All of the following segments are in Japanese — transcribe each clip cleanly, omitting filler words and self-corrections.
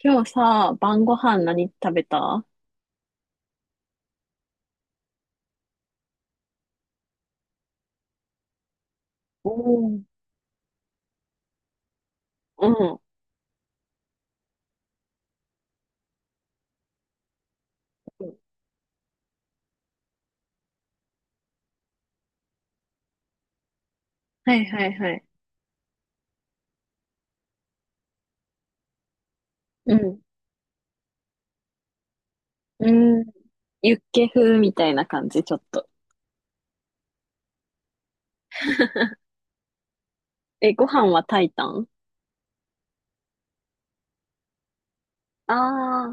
今日さ、晩ご飯何食べた？おー。うん。はいはいはい。うん。うん。ユッケ風みたいな感じ、ちょっと。え、ご飯は炊いたん？あ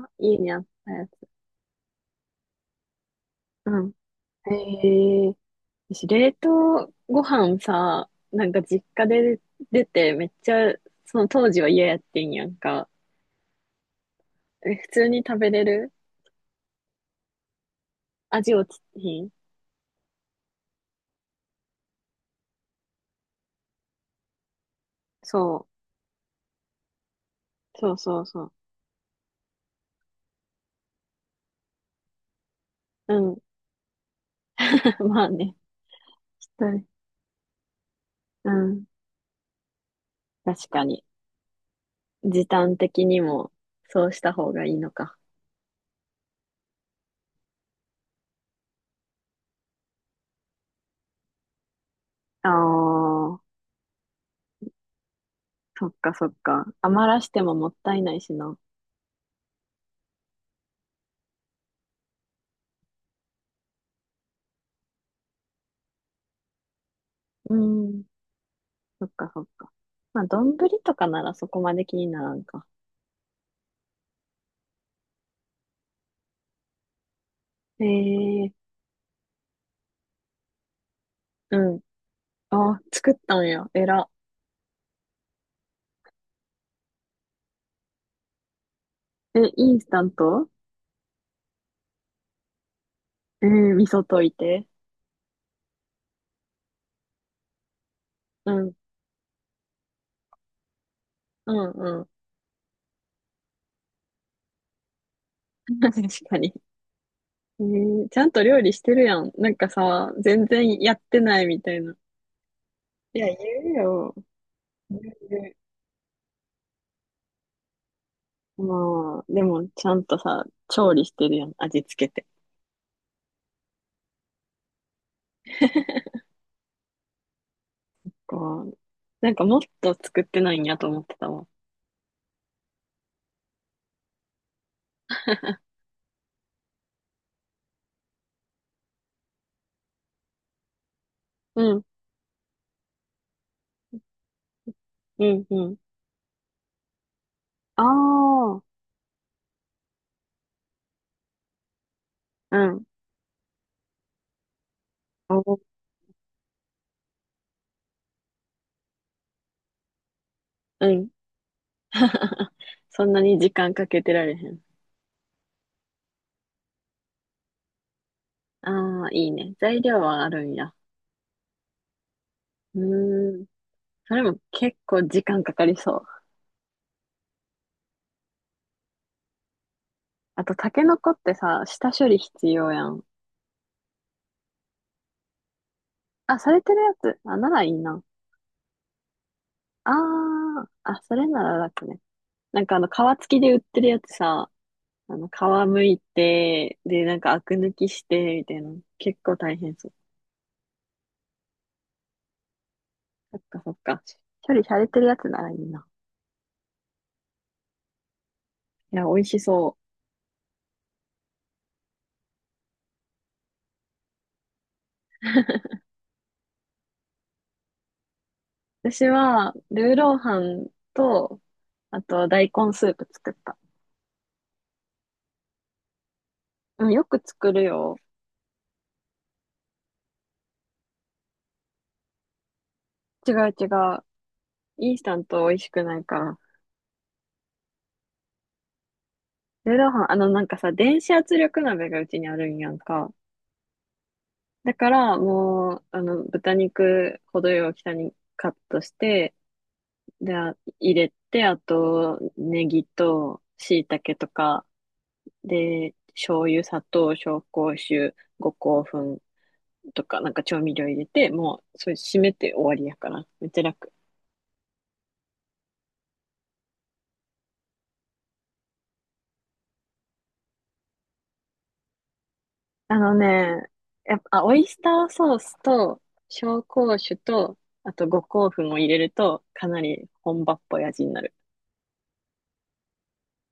あー、いいねあったやつ。うん。へえ。私、冷凍ご飯さ、なんか実家で出て、めっちゃ、その当時は嫌やってんやんか。え、普通に食べれる？味落ちひん？そう。そうそうそう。うん。まあね。うん。うん。確かに。時短的にもそうした方がいいのか。ああ、そっかそっか。余らしてももったいないしな。うん、そっかそっか。まあ、丼とかならそこまで気にならんか。ええ。うん。あ、作ったんや。えら。え、インスタント？ええ。味噌溶いて。うん、うん、うん。確かに。ええ、ちゃんと料理してるやん。なんかさ、全然やってないみたいな。いや、言うよ。言う。まあ、でも、ちゃんとさ、調理してるやん、味付けて。こう、なんかもっと作ってないんやと思ってたわ。うん、うん、うん。ああ、うん、お、うん。そんなに時間かけてられへん。ああ、いいね。材料はあるんや。うーん。それも結構時間かかりそう。あと、タケノコってさ、下処理必要やん。あ、されてるやつ。あ、ならいいな。ああ、あ、それなら楽ね。なんかあの、皮付きで売ってるやつさ、あの、皮むいて、で、なんかアク抜きして、みたいな。結構大変そう。そっかそっか。処理されてるやつならいいな。いや、美味しそう。私は、ルーローハンと、あと、大根スープ作った。うん、よく作るよ。違う違う。インスタント美味しくないから。ルーローハン、あの、なんかさ、電子圧力鍋がうちにあるんやんか。だから、もう、あの、豚肉、程よい大きさにカットして、で、入れて、あと、ネギと、椎茸とか、で、醤油、砂糖、紹興酒、五香粉とか、なんか調味料入れて、もう、それ締めて終わりやから。めっちゃ楽。あのね、やっぱ、オイスターソースと、紹興酒と、あと五香粉を入れると、かなり本場っぽい味になる。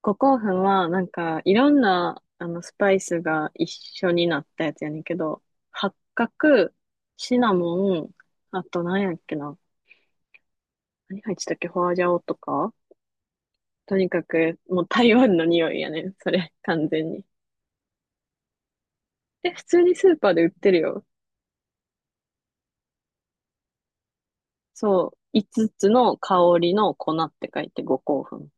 五香粉は、なんか、いろんな、あの、スパイスが一緒になったやつやねんけど、八角、シナモン、あと何やっけな。何入ってたっけ？ホアジャオとか。とにかく、もう台湾の匂いやねん。それ、完全に。で、普通にスーパーで売ってるよ。そう。5つつの香りの粉って書いて五香粉。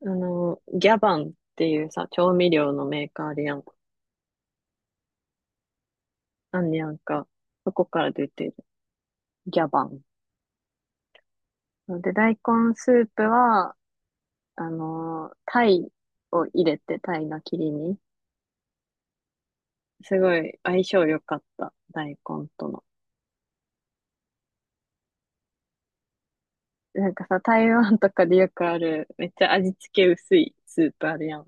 あの、ギャバンっていうさ、調味料のメーカーあるやん。あんねやんか。そこから出てる。ギャバン。そうで、大根スープは、タイを入れて、タイの切り身。すごい相性良かった、大根との。なんかさ、台湾とかでよくある、めっちゃ味付け薄いスープあるやん。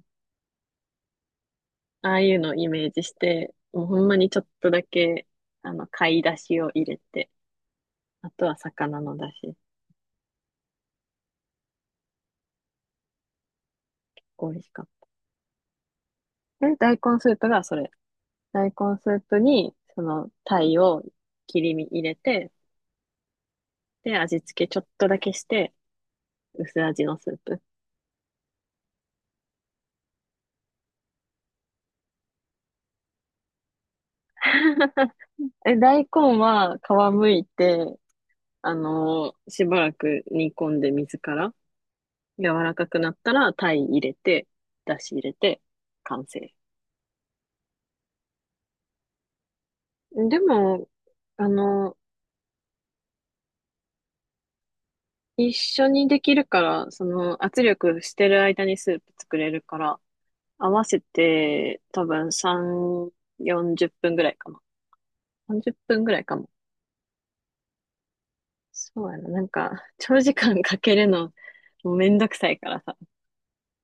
ああいうのをイメージして、もうほんまにちょっとだけ、あの、貝だしを入れて、あとは魚のだ汁。美味しかった。え、大根スープがそれ。大根スープに、その、タイを切り身入れて、で、味付けちょっとだけして、薄味のスープ。え、大根は皮むいて、しばらく煮込んで水から柔らかくなったら、鯛入れて、だし入れて、完成。でも、あの一緒にできるから、その圧力してる間にスープ作れるから、合わせて多分3、40分ぐらいかな。30分ぐらいかも。そうやな。なんか、長時間かけるの、もうめんどくさいからさ、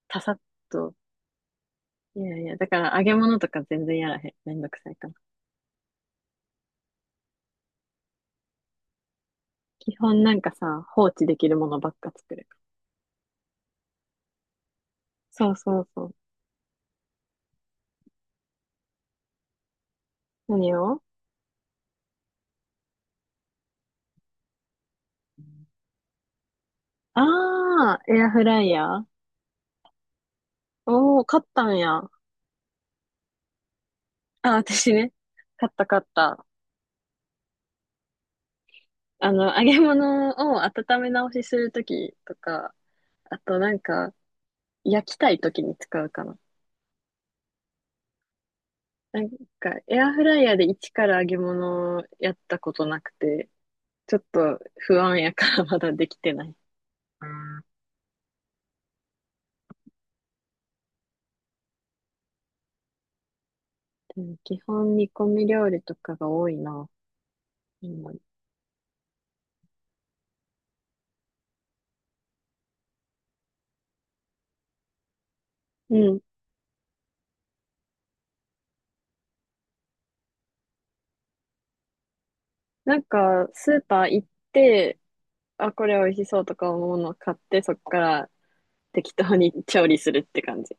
パサッと。いやいや、だから揚げ物とか全然やらへん。めんどくさいから。基本なんかさ、放置できるものばっか作る。そうそうそう。何を？ああー、エアフライヤー？おー、買ったんや。あ、私ね。買った買った。あの、揚げ物を温め直しするときとか、あとなんか、焼きたいときに使うかな。なんか、エアフライヤーで一から揚げ物をやったことなくて、ちょっと不安やからまだできてない。うん。基本煮込み料理とかが多いな。今。うん。なんか、スーパー行って、あ、これ美味しそうとか思うのを買って、そっから適当に 調理するって感じ。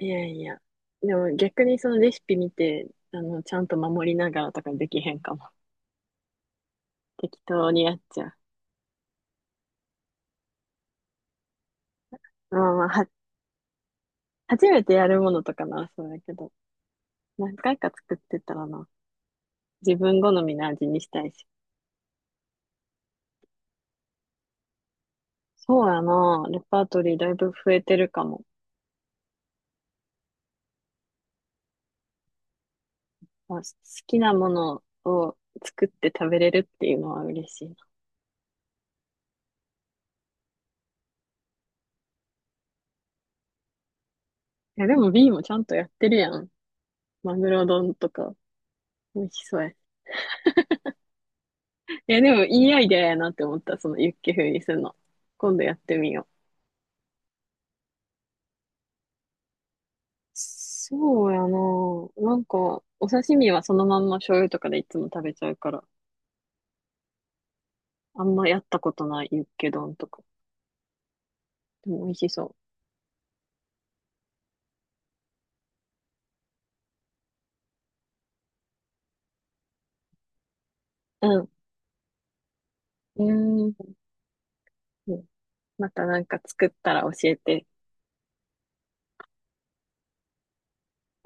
いやいや。でも逆にそのレシピ見て、あの、ちゃんと守りながらとかできへんかも。適当にやっちゃう。まあまあ、初めてやるものとかな、そうだけど。何回か作ってたらな。自分好みの味にしたいし。そうやな。レパートリーだいぶ増えてるかも。好きなものを作って食べれるっていうのは嬉しいな。いや、でも B もちゃんとやってるやん。マグロ丼とか、美味しそうや。いや、でもいいアイデアやなって思った、そのユッケ風にするの。今度やってみよう。そうやな。なんか、お刺身はそのまんま醤油とかでいつも食べちゃうから、あんまやったことないユッケ丼とか。でも美味しそう。うん。うーん。またなんか作ったら教えて。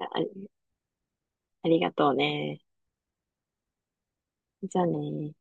あ、ありがとうね。じゃあね。